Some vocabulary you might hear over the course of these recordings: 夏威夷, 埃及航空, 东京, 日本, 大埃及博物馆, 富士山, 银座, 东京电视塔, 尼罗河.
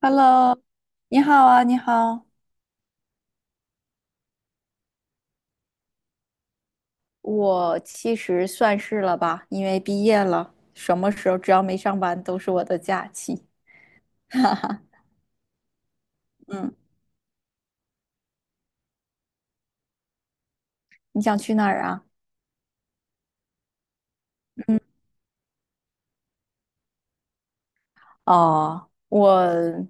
Hello，你好啊，你好。我其实算是了吧，因为毕业了，什么时候只要没上班都是我的假期。哈哈，嗯，你想去哪儿啊？哦，我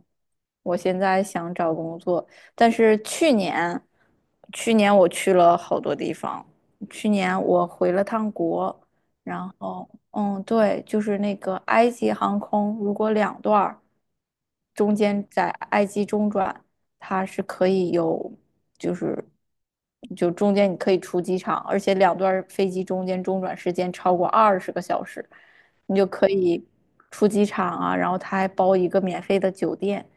我现在想找工作，但是去年我去了好多地方，去年我回了趟国，然后嗯，对，就是那个埃及航空，如果两段儿。中间在埃及中转，它是可以有，就是就中间你可以出机场，而且两段飞机中间中转时间超过20个小时，你就可以出机场啊，然后它还包一个免费的酒店，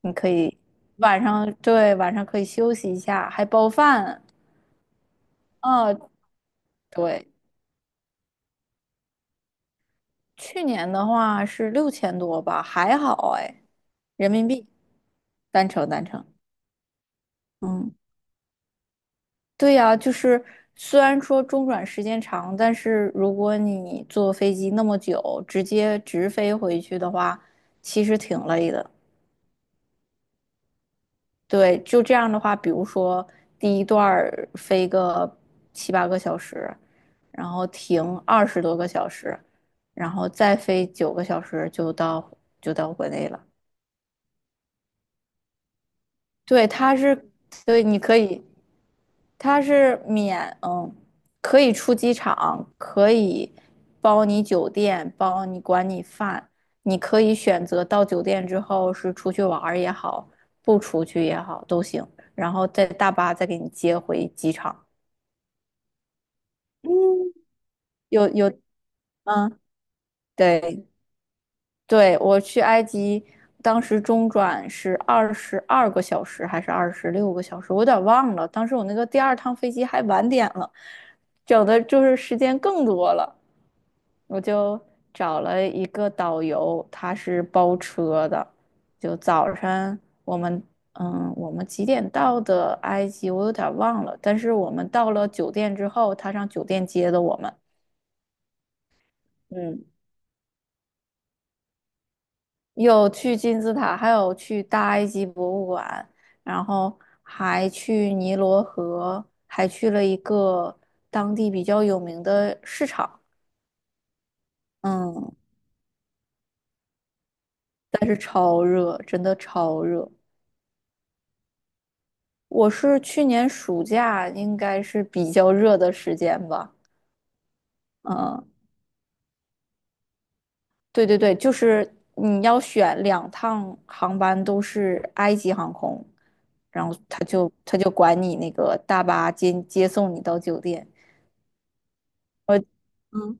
你可以晚上，对，晚上可以休息一下，还包饭，啊，对，去年的话是6000多吧，还好哎，人民币，单程单程，嗯。对呀，就是虽然说中转时间长，但是如果你坐飞机那么久，直接直飞回去的话，其实挺累的。对，就这样的话，比如说第一段儿飞个七八个小时，然后停20多个小时，然后再飞9个小时就到国内了。对，它是，对，你可以，它是免，嗯，可以出机场，可以包你酒店，包你管你饭，你可以选择到酒店之后是出去玩儿也好，不出去也好都行，然后再大巴再给你接回机场。嗯，有，嗯，对，对，我去埃及，当时中转是22个小时还是26个小时，我有点忘了。当时我那个第二趟飞机还晚点了，整的就是时间更多了。我就找了一个导游，他是包车的，就早晨我们嗯，我们几点到的埃及，我有点忘了。但是我们到了酒店之后，他上酒店接的我们。嗯。有去金字塔，还有去大埃及博物馆，然后还去尼罗河，还去了一个当地比较有名的市场。嗯，但是超热，真的超热。我是去年暑假，应该是比较热的时间吧。嗯，对对对，就是你要选两趟航班都是埃及航空，然后他就管你那个大巴接送你到酒店。我，嗯，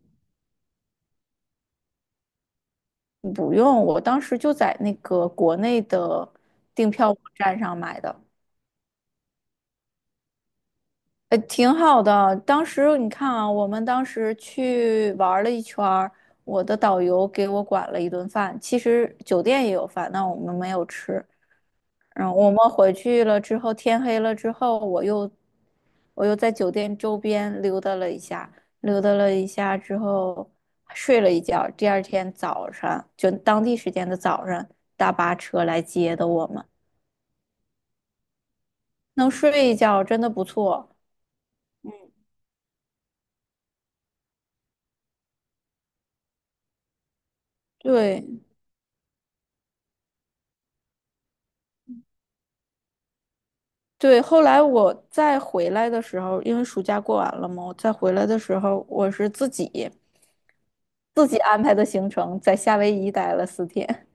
不用，我当时就在那个国内的订票网站上买的，挺好的。当时你看啊，我们当时去玩了一圈儿，我的导游给我管了一顿饭，其实酒店也有饭，但我们没有吃。然后我们回去了之后，天黑了之后，我又在酒店周边溜达了一下，溜达了一下之后睡了一觉。第二天早上，就当地时间的早上，大巴车来接的我们，能睡一觉真的不错。对对，后来我再回来的时候，因为暑假过完了嘛，我再回来的时候，我是自己安排的行程，在夏威夷待了4天，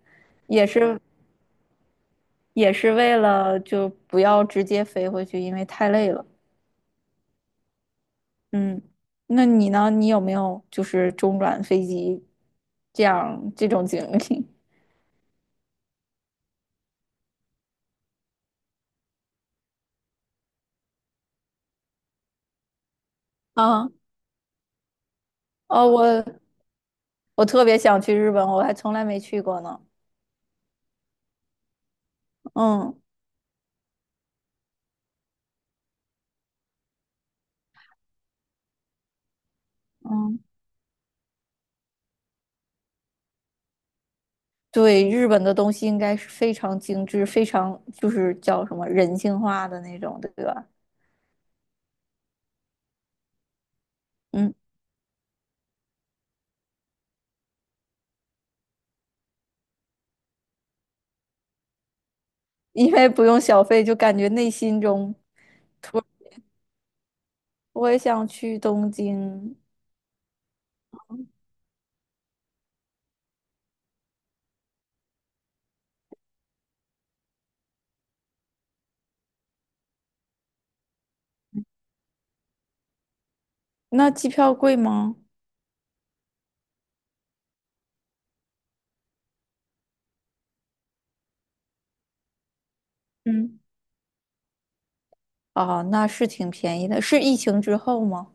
也是也是为了就不要直接飞回去，因为太累了。嗯，那你呢？你有没有就是中转飞机这样这种经历？啊，哦，我特别想去日本，我还从来没去过呢。嗯嗯，对，日本的东西应该是非常精致，非常就是叫什么人性化的那种，对吧？嗯，因为不用小费，就感觉内心中突，我也想去东京。那机票贵吗？嗯，哦，那是挺便宜的，是疫情之后吗？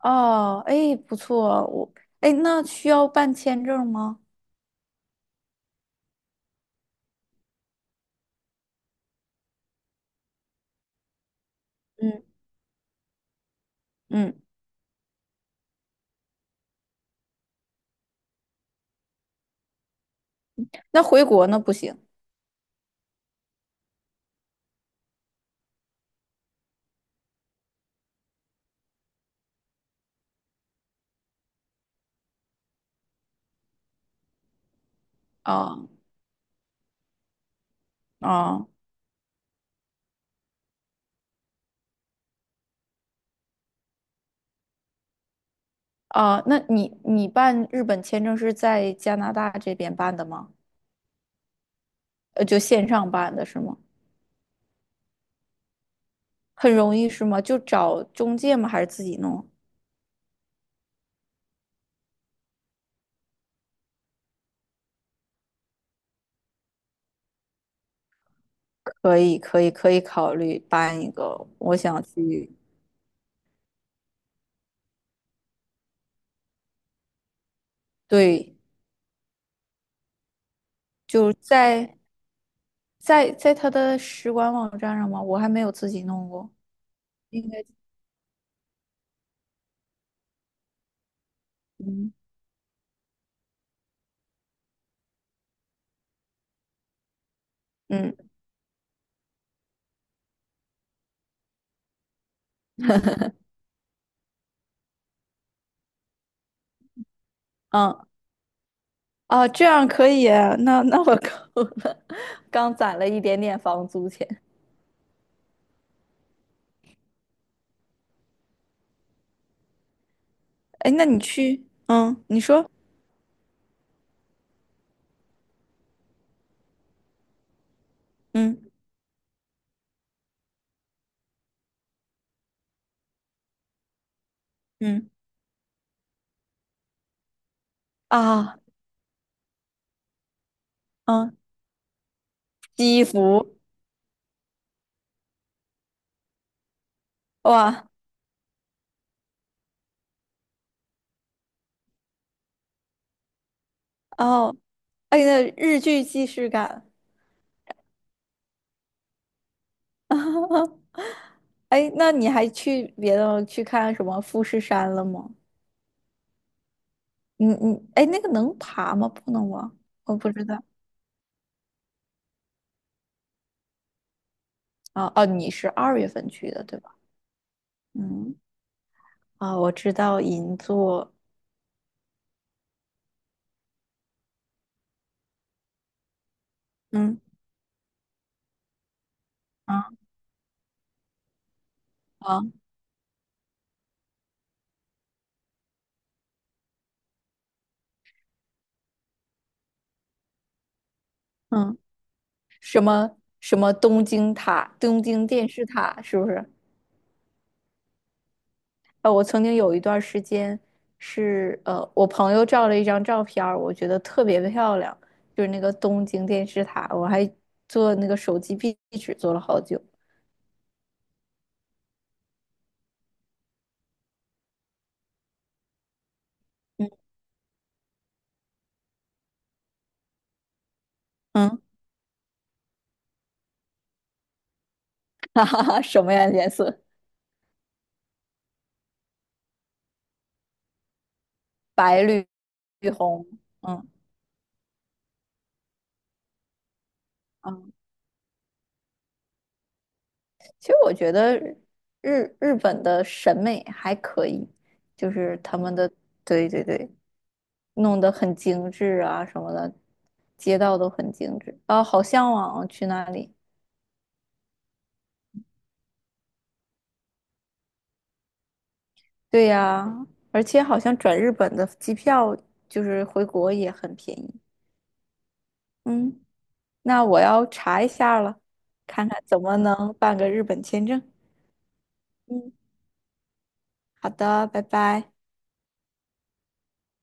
哦，哎，不错，我，哎，那需要办签证吗？嗯，嗯，那回国那不行啊啊啊！那你办日本签证是在加拿大这边办的吗？就线上办的是吗？很容易是吗？就找中介吗？还是自己弄？可以，可以，可以考虑办一个。我想去，对，就在他的使馆网站上吗？我还没有自己弄过，应该嗯嗯嗯啊，这样可以啊那我够了，刚攒了一点点房租钱。哎，那你去，嗯，你说，嗯嗯啊嗯，西服哇哦，哎，那日剧既视感。哎，那你还去别的去看什么富士山了吗？你哎，那个能爬吗？不能吧？我不知道。啊哦，你是2月份去的，对吧？嗯，啊，我知道银座，嗯啊啊嗯，什么什么东京塔、东京电视塔，是不是？啊，我曾经有一段时间是我朋友照了一张照片儿我觉得特别漂亮，就是那个东京电视塔，我还做那个手机壁纸做了好久。嗯嗯，哈哈哈，什么呀颜色？白绿绿红，嗯。嗯。其实我觉得日本的审美还可以，就是他们的，对对对，弄得很精致啊什么的，街道都很精致啊，好向往啊去那里。对呀，而且好像转日本的机票就是回国也很便宜。嗯，那我要查一下了，看看怎么能办个日本签证。嗯，好的，拜拜。